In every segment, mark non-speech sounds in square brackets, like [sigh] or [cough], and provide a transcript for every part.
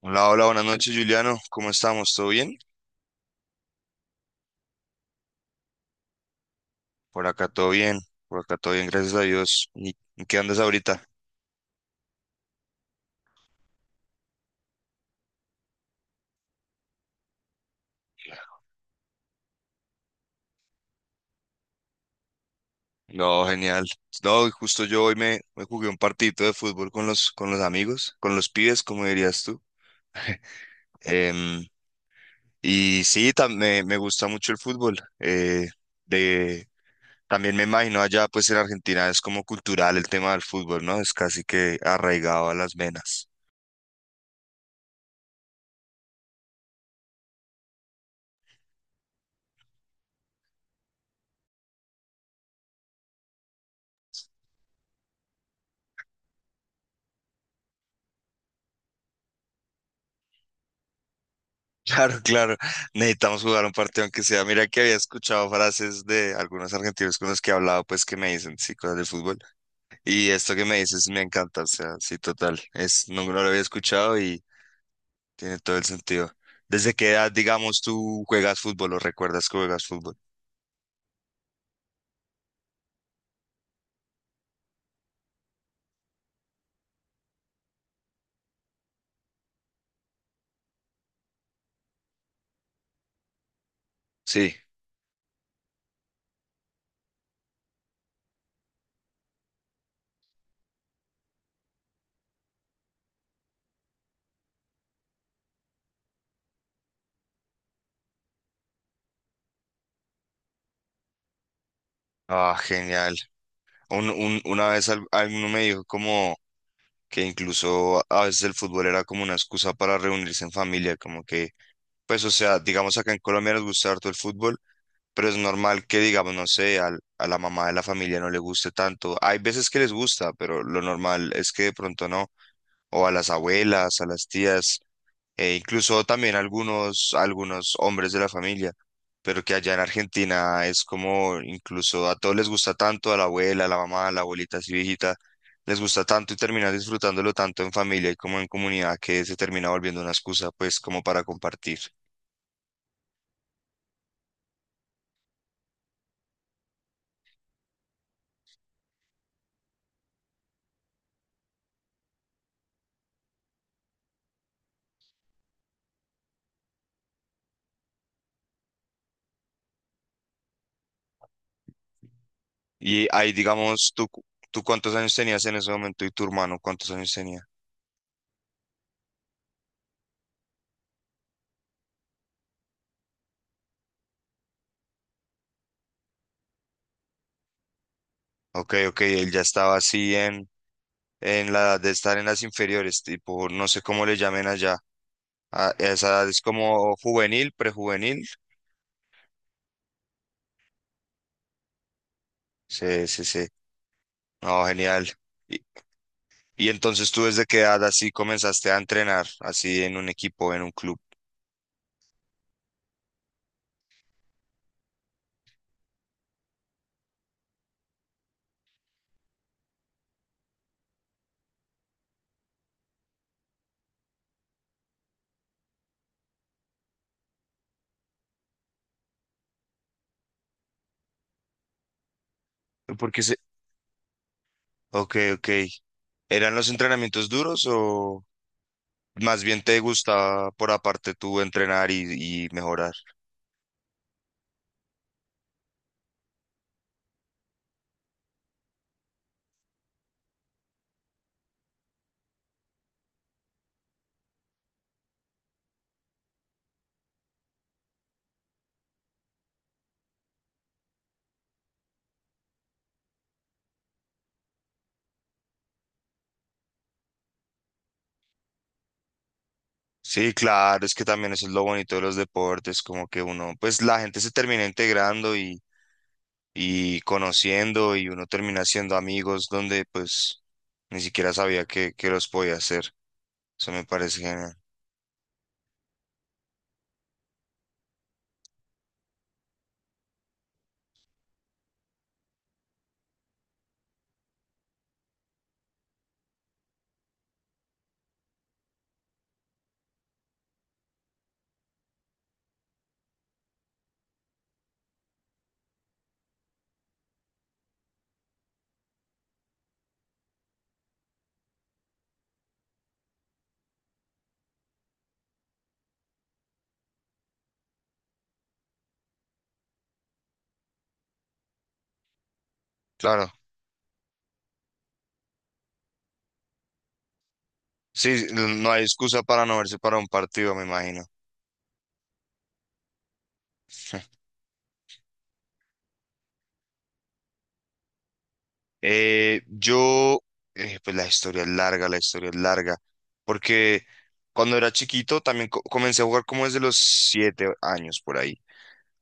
Hola, hola, buenas noches, Juliano. ¿Cómo estamos? ¿Todo bien? Por acá todo bien, por acá todo bien, gracias a Dios. ¿Y en qué andas ahorita? No, genial. No, y justo yo hoy me jugué un partidito de fútbol con los amigos, con los pibes, como dirías tú. Em, y sí, me gusta mucho el fútbol. De, También me imagino allá, pues en Argentina es como cultural el tema del fútbol, ¿no? Es casi que arraigado a las venas. Claro, claro. Necesitamos jugar un partido aunque sea. Mira que había escuchado frases de algunos argentinos con los que he hablado, pues que me dicen, sí, cosas de fútbol. Y esto que me dices me encanta, o sea, sí, total. Es, no, no lo había escuchado y tiene todo el sentido. ¿Desde qué edad, digamos, tú juegas fútbol o recuerdas que juegas fútbol? Sí. Ah, genial. Una vez alguno me dijo como que incluso a veces el fútbol era como una excusa para reunirse en familia, como que, pues, o sea, digamos acá en Colombia nos gusta harto el fútbol pero es normal que, digamos, no sé, a la mamá de la familia no le guste tanto. Hay veces que les gusta, pero lo normal es que de pronto no. O a las abuelas, a las tías, e incluso también algunos hombres de la familia. Pero que allá en Argentina es como incluso a todos les gusta tanto, a la abuela, a la mamá, a la abuelita así viejita, les gusta tanto y terminan disfrutándolo tanto en familia y como en comunidad que se termina volviendo una excusa pues como para compartir. Y ahí, digamos, tú cuántos años tenías en ese momento y tu hermano cuántos años tenía. Ok, ok, él ya estaba así en la edad de estar en las inferiores, tipo, no sé cómo le llamen allá. A esa edad es como juvenil, prejuvenil. Sí, sí, sí. No, genial. Y, y entonces tú desde qué edad así comenzaste a entrenar, así en un equipo, en un club. Porque se... Ok, ok. ¿Eran los entrenamientos duros o más bien te gustaba por aparte tú entrenar y mejorar? Sí, claro, es que también eso es lo bonito de los deportes, como que uno, pues la gente se termina integrando y conociendo y uno termina siendo amigos donde pues ni siquiera sabía que los podía hacer. Eso me parece genial. Claro, sí, no no hay excusa para no verse para un partido, me imagino. Yo pues la historia es larga, la historia es larga, porque cuando era chiquito también comencé a jugar como desde los 7 años por ahí.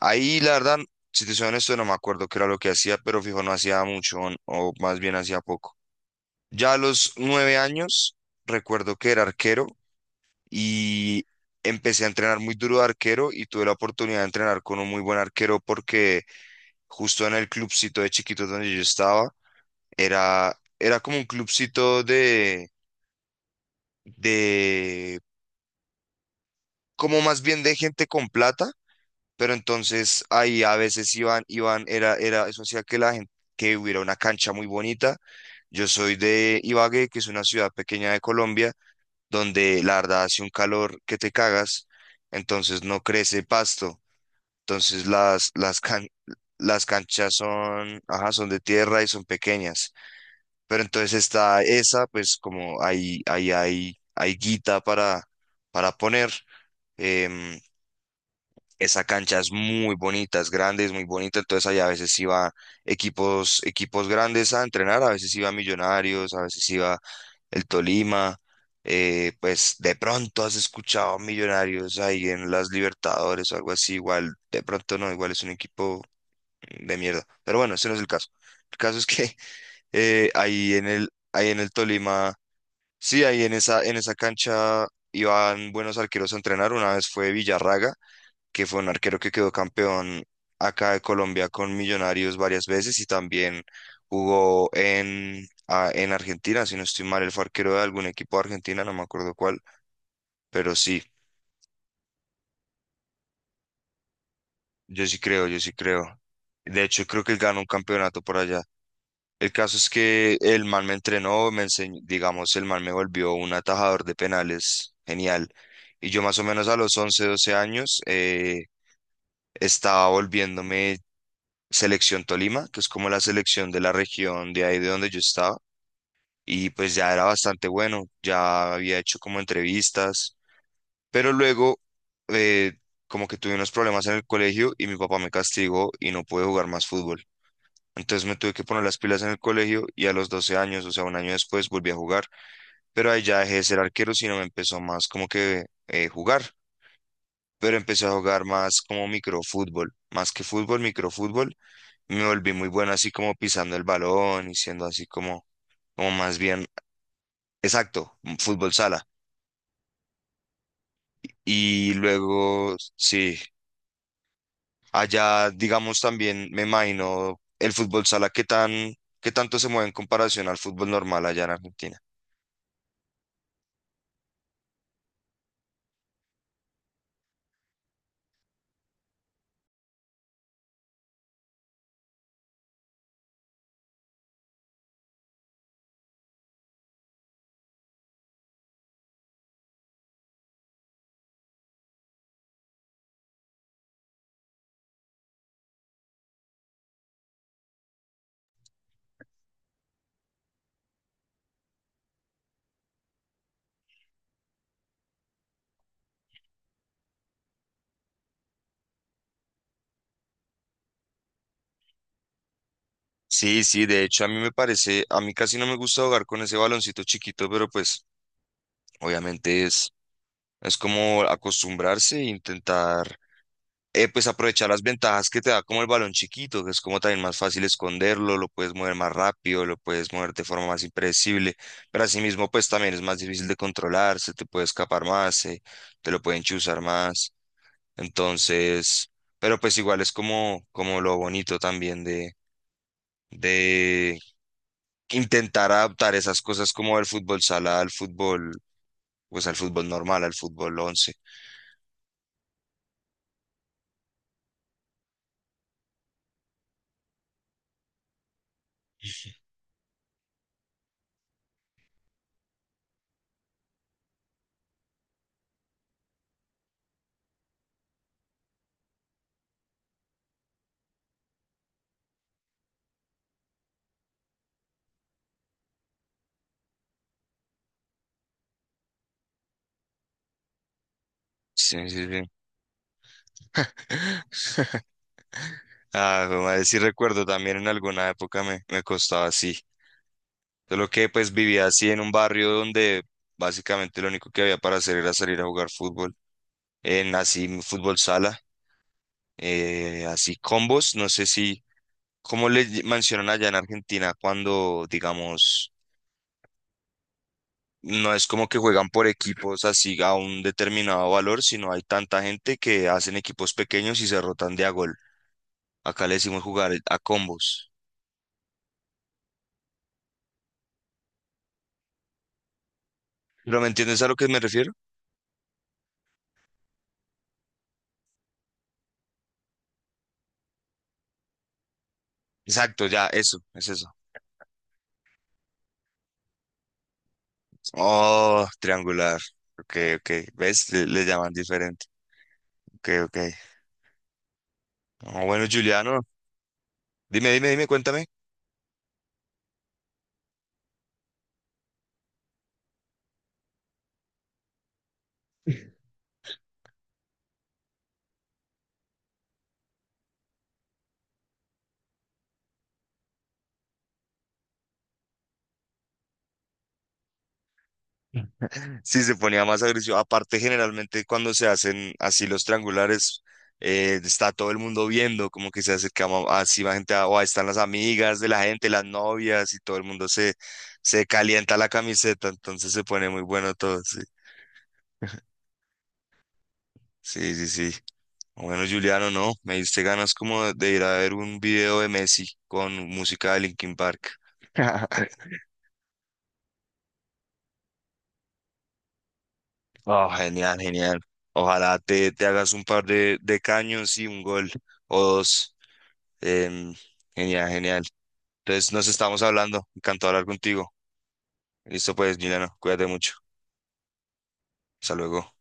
Ahí, la verdad, si te soy honesto, no me acuerdo qué era lo que hacía, pero fijo, no hacía mucho, o más bien hacía poco. Ya a los 9 años, recuerdo que era arquero y empecé a entrenar muy duro de arquero y tuve la oportunidad de entrenar con un muy buen arquero porque justo en el clubcito de chiquitos donde yo estaba, era como un clubcito de, como más bien de gente con plata pero entonces ahí a veces eso hacía que la gente, que hubiera una cancha muy bonita. Yo soy de Ibagué, que es una ciudad pequeña de Colombia, donde la verdad hace un calor que te cagas, entonces no crece pasto. Entonces las canchas son, ajá, son de tierra y son pequeñas. Pero entonces está esa, pues como ahí, hay guita para poner. Em, esa cancha es muy bonita, es grande, es muy bonita, entonces allá a veces iba equipos grandes a entrenar, a veces iba Millonarios, a veces iba el Tolima, pues de pronto has escuchado Millonarios ahí en las Libertadores o algo así, igual, de pronto no, igual es un equipo de mierda, pero bueno, ese no es el caso. El caso es que [laughs] ahí en el Tolima, sí, ahí en esa cancha iban buenos arqueros a entrenar, una vez fue Villarraga que fue un arquero que quedó campeón acá de Colombia con Millonarios varias veces y también jugó en, ah, en Argentina, si no estoy mal, él fue arquero de algún equipo de Argentina, no me acuerdo cuál, pero sí, yo sí creo, yo sí creo. De hecho, creo que él ganó un campeonato por allá. El caso es que el man me entrenó, me enseñó, digamos, el man me volvió un atajador de penales, genial. Y yo más o menos a los 11 12 años estaba volviéndome Selección Tolima, que es como la selección de la región de ahí de donde yo estaba, y pues ya era bastante bueno, ya había hecho como entrevistas, pero luego eh, como que tuve unos problemas en el colegio y mi papá me castigó y no pude jugar más fútbol. Entonces me tuve que poner las pilas en el colegio y a los 12 años, o sea, un año después, volví a jugar, pero ahí ya dejé de ser arquero, sino me empezó más como que pero empecé a jugar más como microfútbol, más que fútbol, microfútbol me volví muy bueno así como pisando el balón y siendo así como, como más bien, exacto, fútbol sala. Y luego, sí, allá digamos también, me imagino, el fútbol sala, ¿qué tanto se mueve en comparación al fútbol normal allá en Argentina? Sí, sí, de hecho a mí me parece, a mí casi no me gusta jugar con ese baloncito chiquito, pero pues obviamente es como acostumbrarse e intentar pues aprovechar las ventajas que te da como el balón chiquito, que es como también más fácil esconderlo, lo puedes mover más rápido, lo puedes mover de forma más impredecible, pero asimismo pues también es más difícil de controlar, se te puede escapar más, te lo pueden chuzar más, entonces, pero pues igual es como, como lo bonito también de intentar adaptar esas cosas como el fútbol sala al fútbol, pues al fútbol normal, al fútbol once. Sí, sí, sí. [laughs] Ah, jue madre, sí recuerdo también en alguna época me costaba así. Solo que pues vivía así en un barrio donde básicamente lo único que había para hacer era salir a jugar fútbol. En así fútbol sala, así combos, no sé si, ¿cómo le mencionan allá en Argentina cuando, digamos, no es como que juegan por equipos así a un determinado valor, sino hay tanta gente que hacen equipos pequeños y se rotan de a gol. Acá le decimos jugar a combos. ¿Pero me entiendes a lo que me refiero? Exacto, ya, eso, es eso. Oh, triangular. Ok, ok. ¿Ves? Le llaman diferente. Ok, ok. Ah, bueno, Juliano, dime, dime, dime, cuéntame. Sí, se ponía más agresivo. Aparte, generalmente cuando se hacen así los triangulares, está todo el mundo viendo, como que se acerca así la gente, a- o ahí están las amigas de la gente, las novias, y todo el mundo se, se calienta la camiseta, entonces se pone muy bueno todo, sí. Sí, sí, sí. Bueno, Juliano, no, me diste ganas como de ir a ver un video de Messi con música de Linkin Park. [laughs] Oh, genial, genial. Ojalá te hagas un par de caños y un gol o dos. Em, genial, genial. Entonces nos estamos hablando. Encantado de hablar contigo. Listo pues, Juliano, cuídate mucho. Hasta luego.